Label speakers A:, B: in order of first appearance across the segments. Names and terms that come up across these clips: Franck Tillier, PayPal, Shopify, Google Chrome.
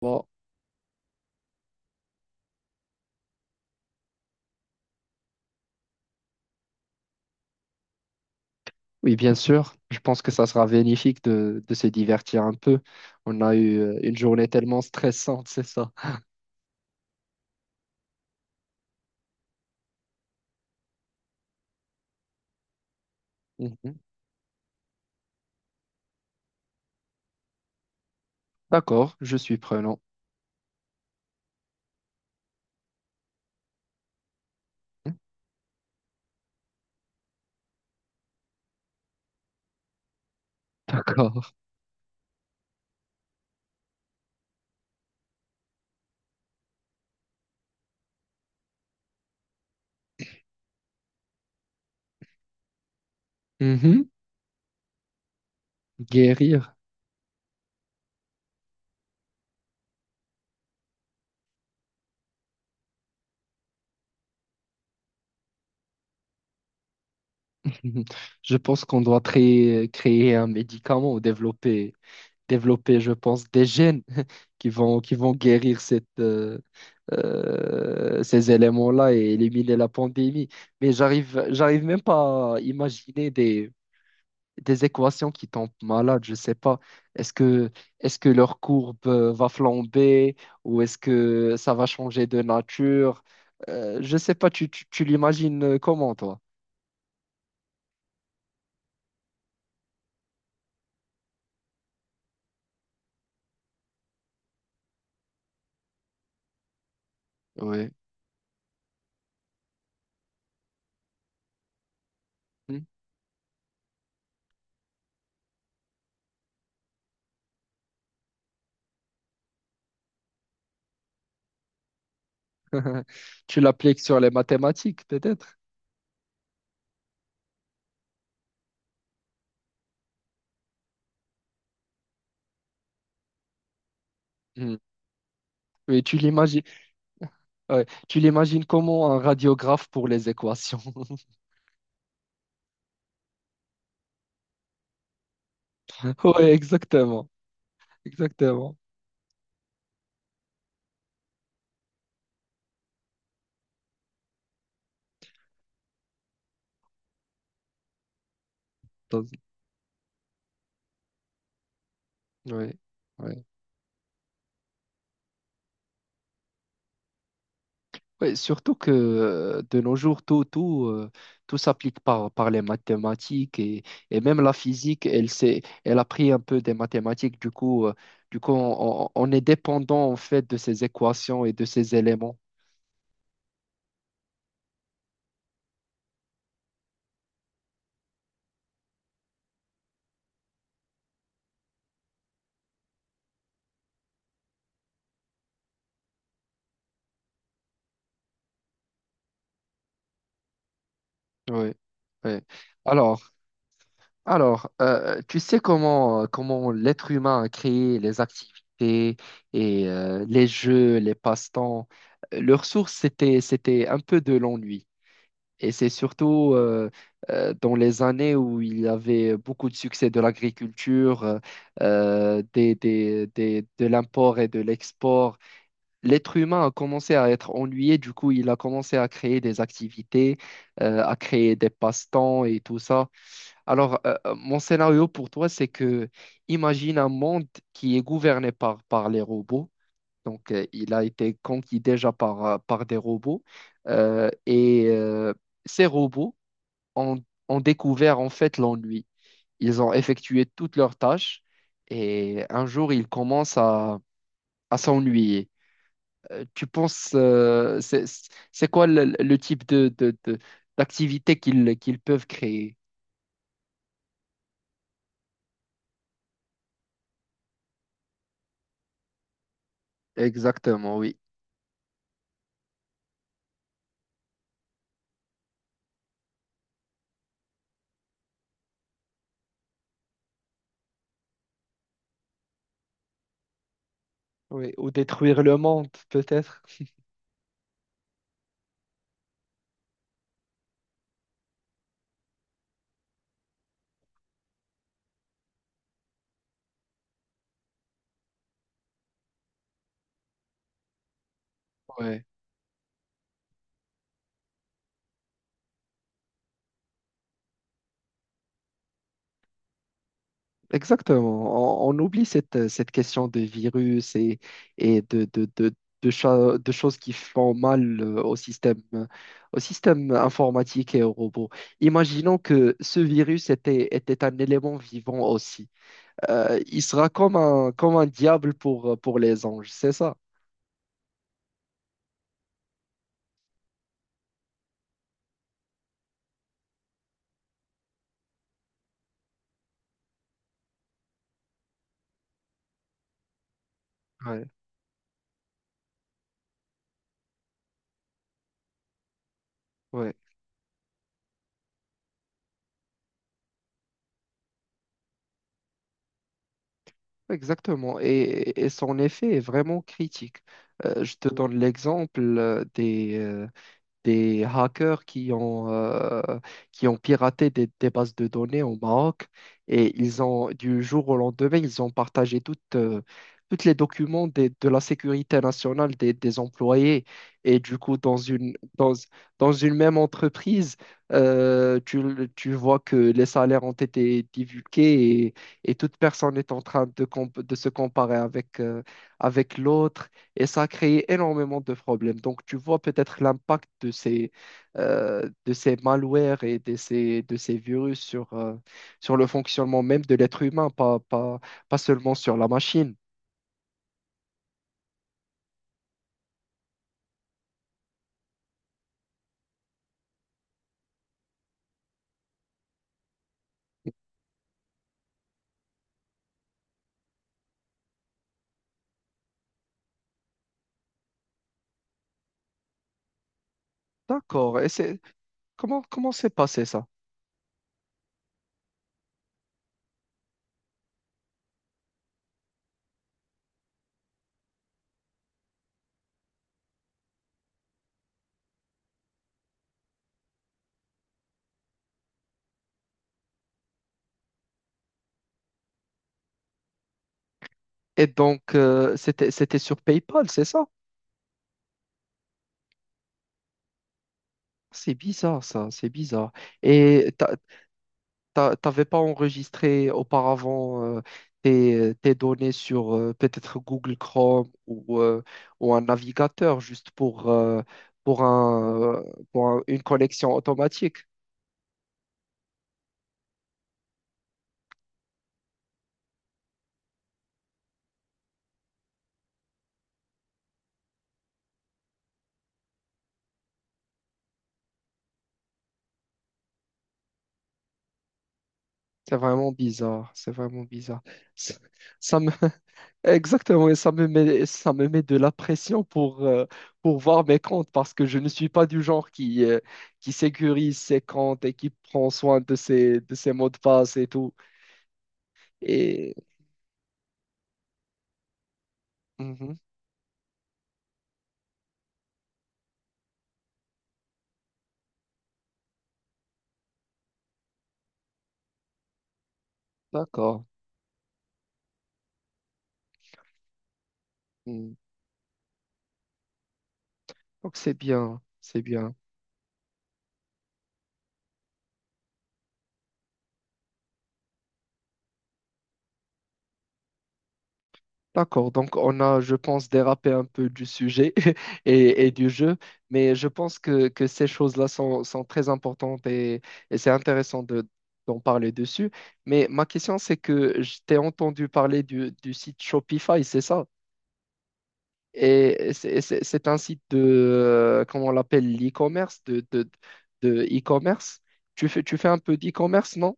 A: Bon, oui, bien sûr. Je pense que ça sera bénéfique de se divertir un peu. On a eu une journée tellement stressante, c'est ça. Mhm. D'accord, je suis prenant. D'accord. Mhm. Guérir. Je pense qu'on doit créer un médicament ou développer, développer, je pense, des gènes qui vont guérir cette, ces éléments-là et éliminer la pandémie. Mais j'arrive même pas à imaginer des équations qui tombent malades, je sais pas. Est-ce que, est-ce que leur courbe va flamber ou est-ce que ça va changer de nature? Je sais pas, tu l'imagines comment, toi? Oui. Tu l'appliques sur les mathématiques, peut-être? Hmm. Oui, tu l'imagines, ouais. Tu l'imagines comment un radiographe pour les équations? Oui, exactement, exactement. Oui, oui. Ouais, surtout que de nos jours, tout s'applique par les mathématiques et même la physique, elle a pris un peu des mathématiques. Du coup, on est dépendant en fait de ces équations et de ces éléments. Oui, oui. Alors, alors tu sais comment, comment l'être humain a créé les activités et les jeux, les passe-temps. Leur source, c'était un peu de l'ennui. Et c'est surtout dans les années où il y avait beaucoup de succès de l'agriculture, des, de l'import et de l'export, l'être humain a commencé à être ennuyé, du coup il a commencé à créer des activités, à créer des passe-temps et tout ça. Alors mon scénario pour toi, c'est que imagine un monde qui est gouverné par les robots. Donc il a été conquis déjà par, par des robots. Et ces robots ont, ont découvert en fait l'ennui. Ils ont effectué toutes leurs tâches et un jour, ils commencent à s'ennuyer. Tu penses, c'est quoi le type de, d'activité qu'ils peuvent créer? Exactement, oui. Oui, ou détruire le monde, peut-être. Exactement. On oublie cette, cette question de virus et, et de, de, de, de choses qui font mal au système informatique et aux robots. Imaginons que ce virus était un élément vivant aussi. Il sera comme un diable pour les anges, c'est ça? Ouais, ouais, exactement. Et son effet est vraiment critique. Je te donne l'exemple des hackers qui ont piraté des bases de données au Maroc et ils ont, du jour au lendemain, ils ont partagé toutes, toutes les documents de la sécurité nationale des employés. Et du coup, dans une, dans, dans une même entreprise, tu, tu vois que les salaires ont été divulgués et toute personne est en train de, de se comparer avec, avec l'autre et ça a créé énormément de problèmes. Donc, tu vois peut-être l'impact de ces malwares et de ces virus sur, sur le fonctionnement même de l'être humain, pas, pas, pas seulement sur la machine. D'accord. Et c'est, comment, comment s'est passé ça? Et donc, c'était sur PayPal, c'est ça? C'est bizarre, ça, c'est bizarre. Et t'avais pas enregistré auparavant tes, tes données sur peut-être Google Chrome ou un navigateur juste pour, pour un, euh, pour une connexion automatique. C'est vraiment bizarre, c'est vraiment bizarre. Ça, ça me, exactement, et ça me met de la pression pour voir mes comptes parce que je ne suis pas du genre qui sécurise ses comptes et qui prend soin de ses mots de passe et tout. Et, Mhm. D'accord. Hmm. Donc c'est bien, c'est bien. D'accord, donc on a, je pense, dérapé un peu du sujet et du jeu, mais je pense que ces choses-là sont, sont très importantes et c'est intéressant de, d'en parler dessus. Mais ma question, c'est que je t'ai entendu parler du site Shopify, c'est ça? Et c'est un site de, comment on l'appelle, l'e-commerce, de e-commerce. Tu fais un peu d'e-commerce, non?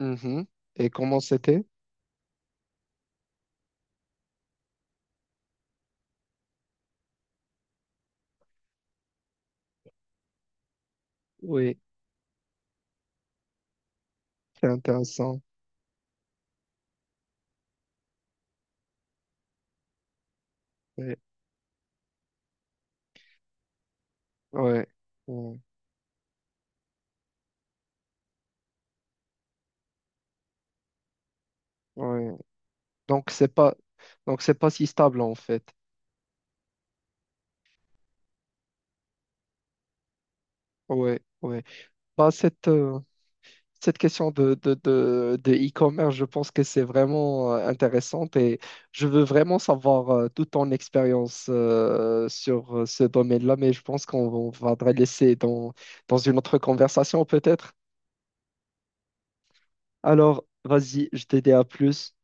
A: Mhm. Et comment c'était? Oui, c'est intéressant. Ouais, ouais, ouais. Ouais. Donc c'est pas, donc c'est pas si stable en fait. Ouais, ouais. Bah cette cette question de e-commerce, je pense que c'est vraiment intéressante et je veux vraiment savoir toute ton expérience sur ce domaine-là, mais je pense qu'on on va te laisser dans dans une autre conversation peut-être. Alors, vas-y, je t'ai dit à plus.